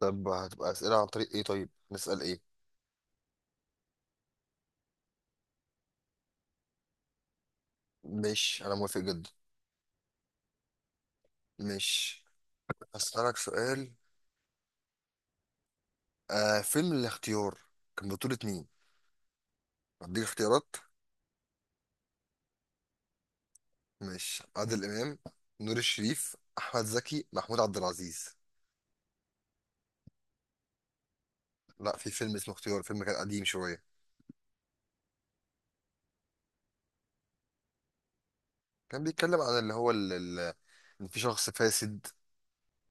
طب هتبقى أسئلة عن طريق إيه طيب؟ نسأل إيه؟ ماشي، أنا موافق جدا. ماشي. هسألك سؤال. فيلم الاختيار كان بطولة مين؟ هديك اختيارات. ماشي. عادل إمام، نور الشريف، أحمد زكي، محمود عبد العزيز. لا، في فيلم اسمه اختيار، فيلم كان قديم شوية. كان بيتكلم عن اللي هو إن في شخص فاسد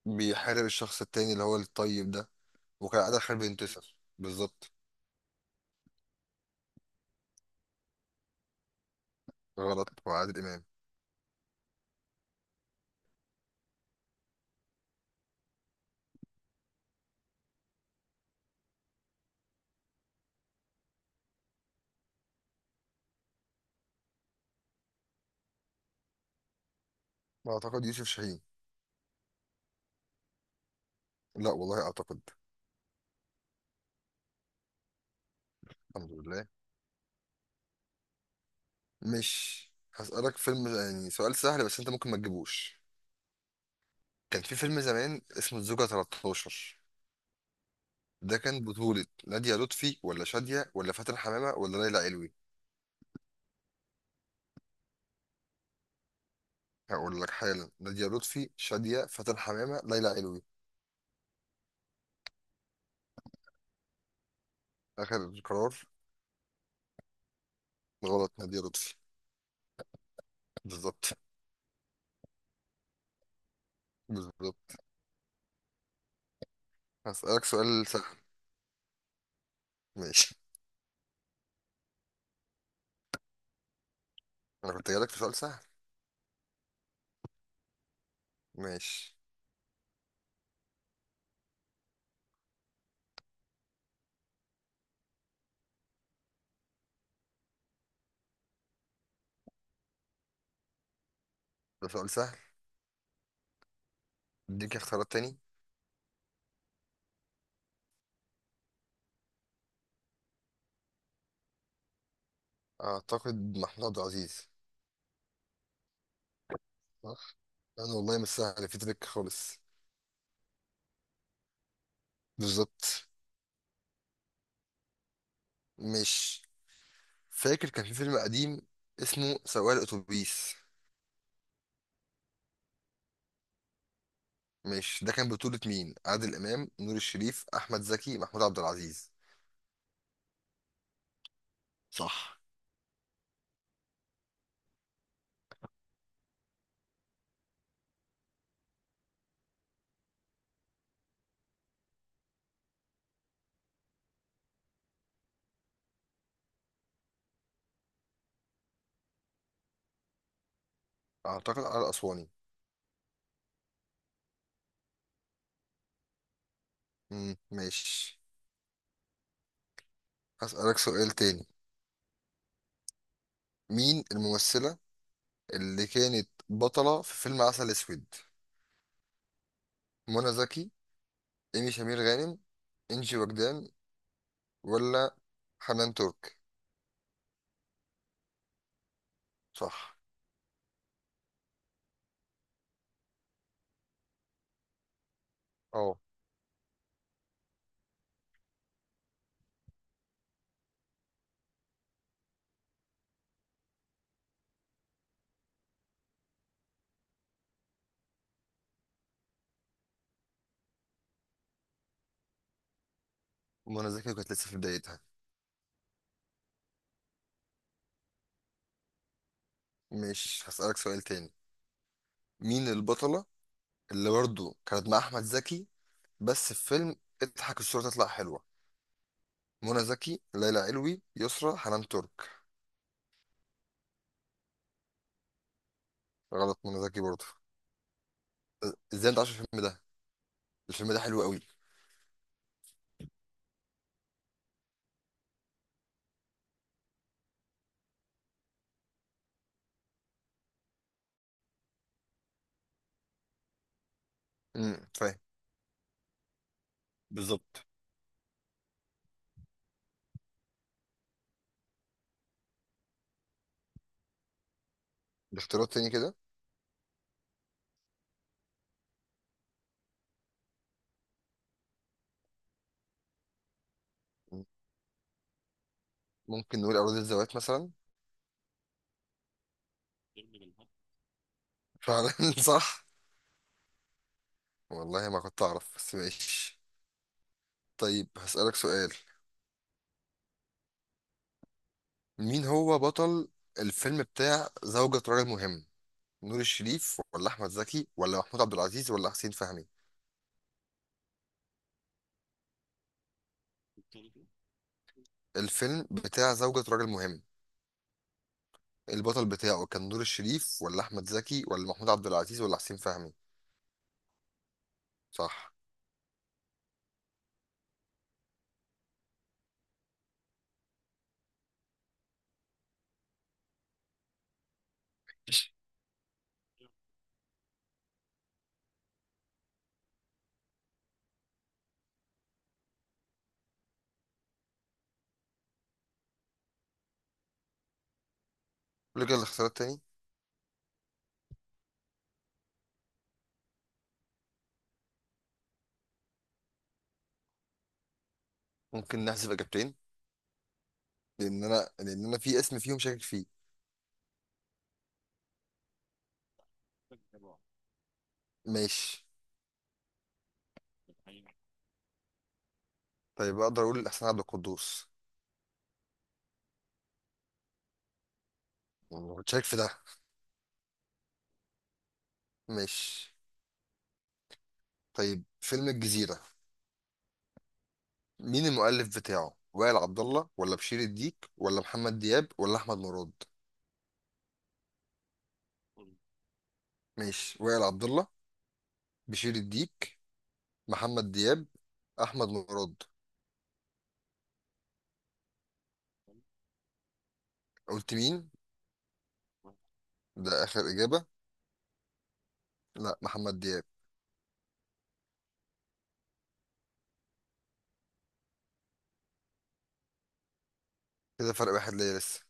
بيحارب الشخص التاني اللي هو الطيب ده. وكان عادل خالد بينتصر بالظبط. غلط، وعادل إمام. أعتقد يوسف شاهين. لا والله، أعتقد. الحمد لله. مش هسألك فيلم، يعني سؤال سهل، بس انت ممكن ما تجيبوش. كان في فيلم زمان اسمه الزوجة 13. ده كان بطولة نادية لطفي ولا شادية ولا فاتن حمامة ولا ليلى علوي؟ هقول لك حالا: نادية لطفي، شادية، فاتن حمامة، ليلى علوي. آخر قرار. غلط، نادية لطفي. بالظبط. بالظبط. هسألك سؤال سهل. ماشي. أنا كنت جايلك في سؤال سهل. ماشي. ده سؤال سهل. اديك اختيارات تاني. أعتقد محمود عبد العزيز. صح؟ أنا والله مش سهل في تريك خالص. بالظبط. مش فاكر كان في فيلم قديم اسمه سواق الاتوبيس. مش ده كان بطولة مين؟ عادل امام، نور الشريف، احمد زكي، محمود عبد العزيز. صح. اعتقد على الاسواني. مم، ماشي. هسألك سؤال تاني. مين الممثلة اللي كانت بطلة في فيلم عسل اسود؟ منى زكي، ايمي سمير غانم، انجي وجدان، ولا حنان ترك؟ صح. اه، منى زكي كانت لسه في بدايتها. مش هسألك سؤال تاني. مين البطلة اللي برضه كانت مع احمد زكي، بس في فيلم اضحك الصورة تطلع حلوة؟ منى زكي، ليلى علوي، يسرا، حنان ترك. غلط، منى زكي برضه. ازاي انت عارف الفيلم ده؟ الفيلم ده حلو قوي. فاهم. بالظبط. باختيارات تاني كده؟ ممكن نقول أراضي الزوات مثلا. فعلا صح. والله ما كنت أعرف، بس ماشي. طيب، هسألك سؤال. مين هو بطل الفيلم بتاع زوجة راجل مهم؟ نور الشريف ولا أحمد زكي ولا محمود عبد العزيز ولا حسين فهمي؟ الفيلم بتاع زوجة راجل مهم. البطل بتاعه كان نور الشريف ولا أحمد زكي ولا محمود عبد العزيز ولا حسين فهمي؟ صح. قول لي كده الاختيارات تاني. ممكن نحذف إجابتين. لأن أنا في اسم فيهم شاكك فيه. ماشي. طيب، أقدر أقول أحسن عبد القدوس. ما كنتش شاكك في ده. ماشي. طيب، فيلم الجزيرة. مين المؤلف بتاعه؟ وائل عبد الله ولا بشير الديك ولا محمد دياب ولا أحمد مراد؟ ماشي. وائل عبد الله، بشير الديك، محمد دياب، احمد مراد. قلت مين؟ ده اخر اجابه؟ لا، محمد دياب. كده فرق واحد ليا لسه.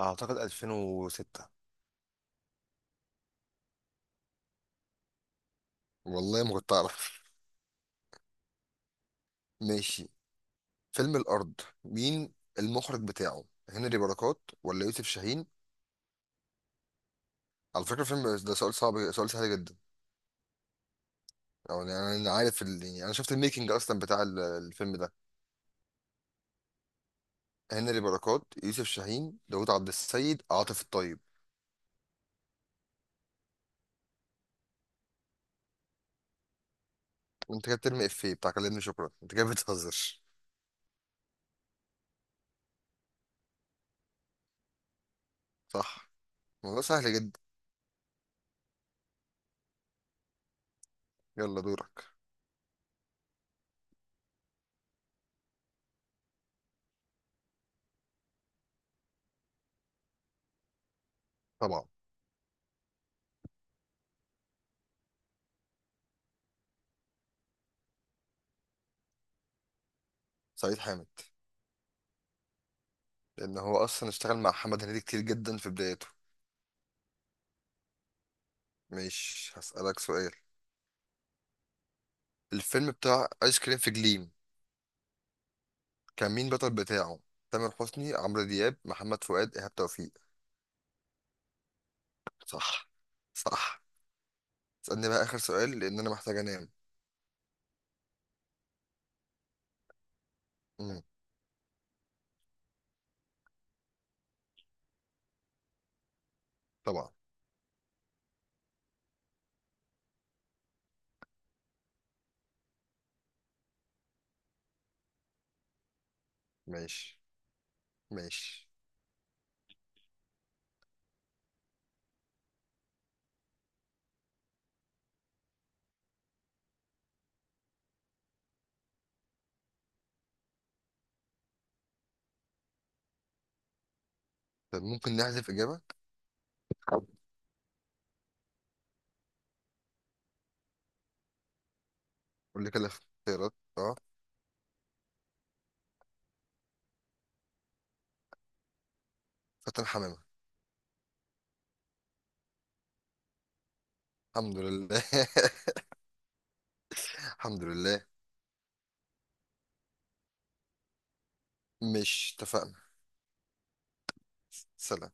اعتقد 2006. والله ما كنت اعرف. ماشي. فيلم الارض. مين المخرج بتاعه؟ هنري بركات ولا يوسف شاهين؟ على فكره، الفيلم ده سؤال صعب، سؤال سهل جدا. أو يعني، انا عارف يعني انا شفت الميكنج اصلا بتاع الفيلم ده. هنري بركات، يوسف شاهين، داوود عبد السيد، عاطف الطيب. انت كده بترمي افيه بتاع كلمني شكرا، انت كده بتهزر. صح. الموضوع سهل جدا. يلا دورك. طبعا. سعيد حامد. لان هو اصلا اشتغل مع محمد هنيدي كتير جدا في بدايته. مش هسألك سؤال. الفيلم بتاع ايس كريم في جليم. كان مين البطل بتاعه؟ تامر حسني، عمرو دياب، محمد فؤاد، ايهاب توفيق؟ صح. صح. اسألني بقى اخر سؤال، لان انا محتاج انام. امم. طبعا. ماشي. ماشي. طب ممكن نحذف اجابه. قول لي كده اختيارات، اه. فاتن حمامه. الحمد لله الحمد لله. مش اتفقنا؟ سلام.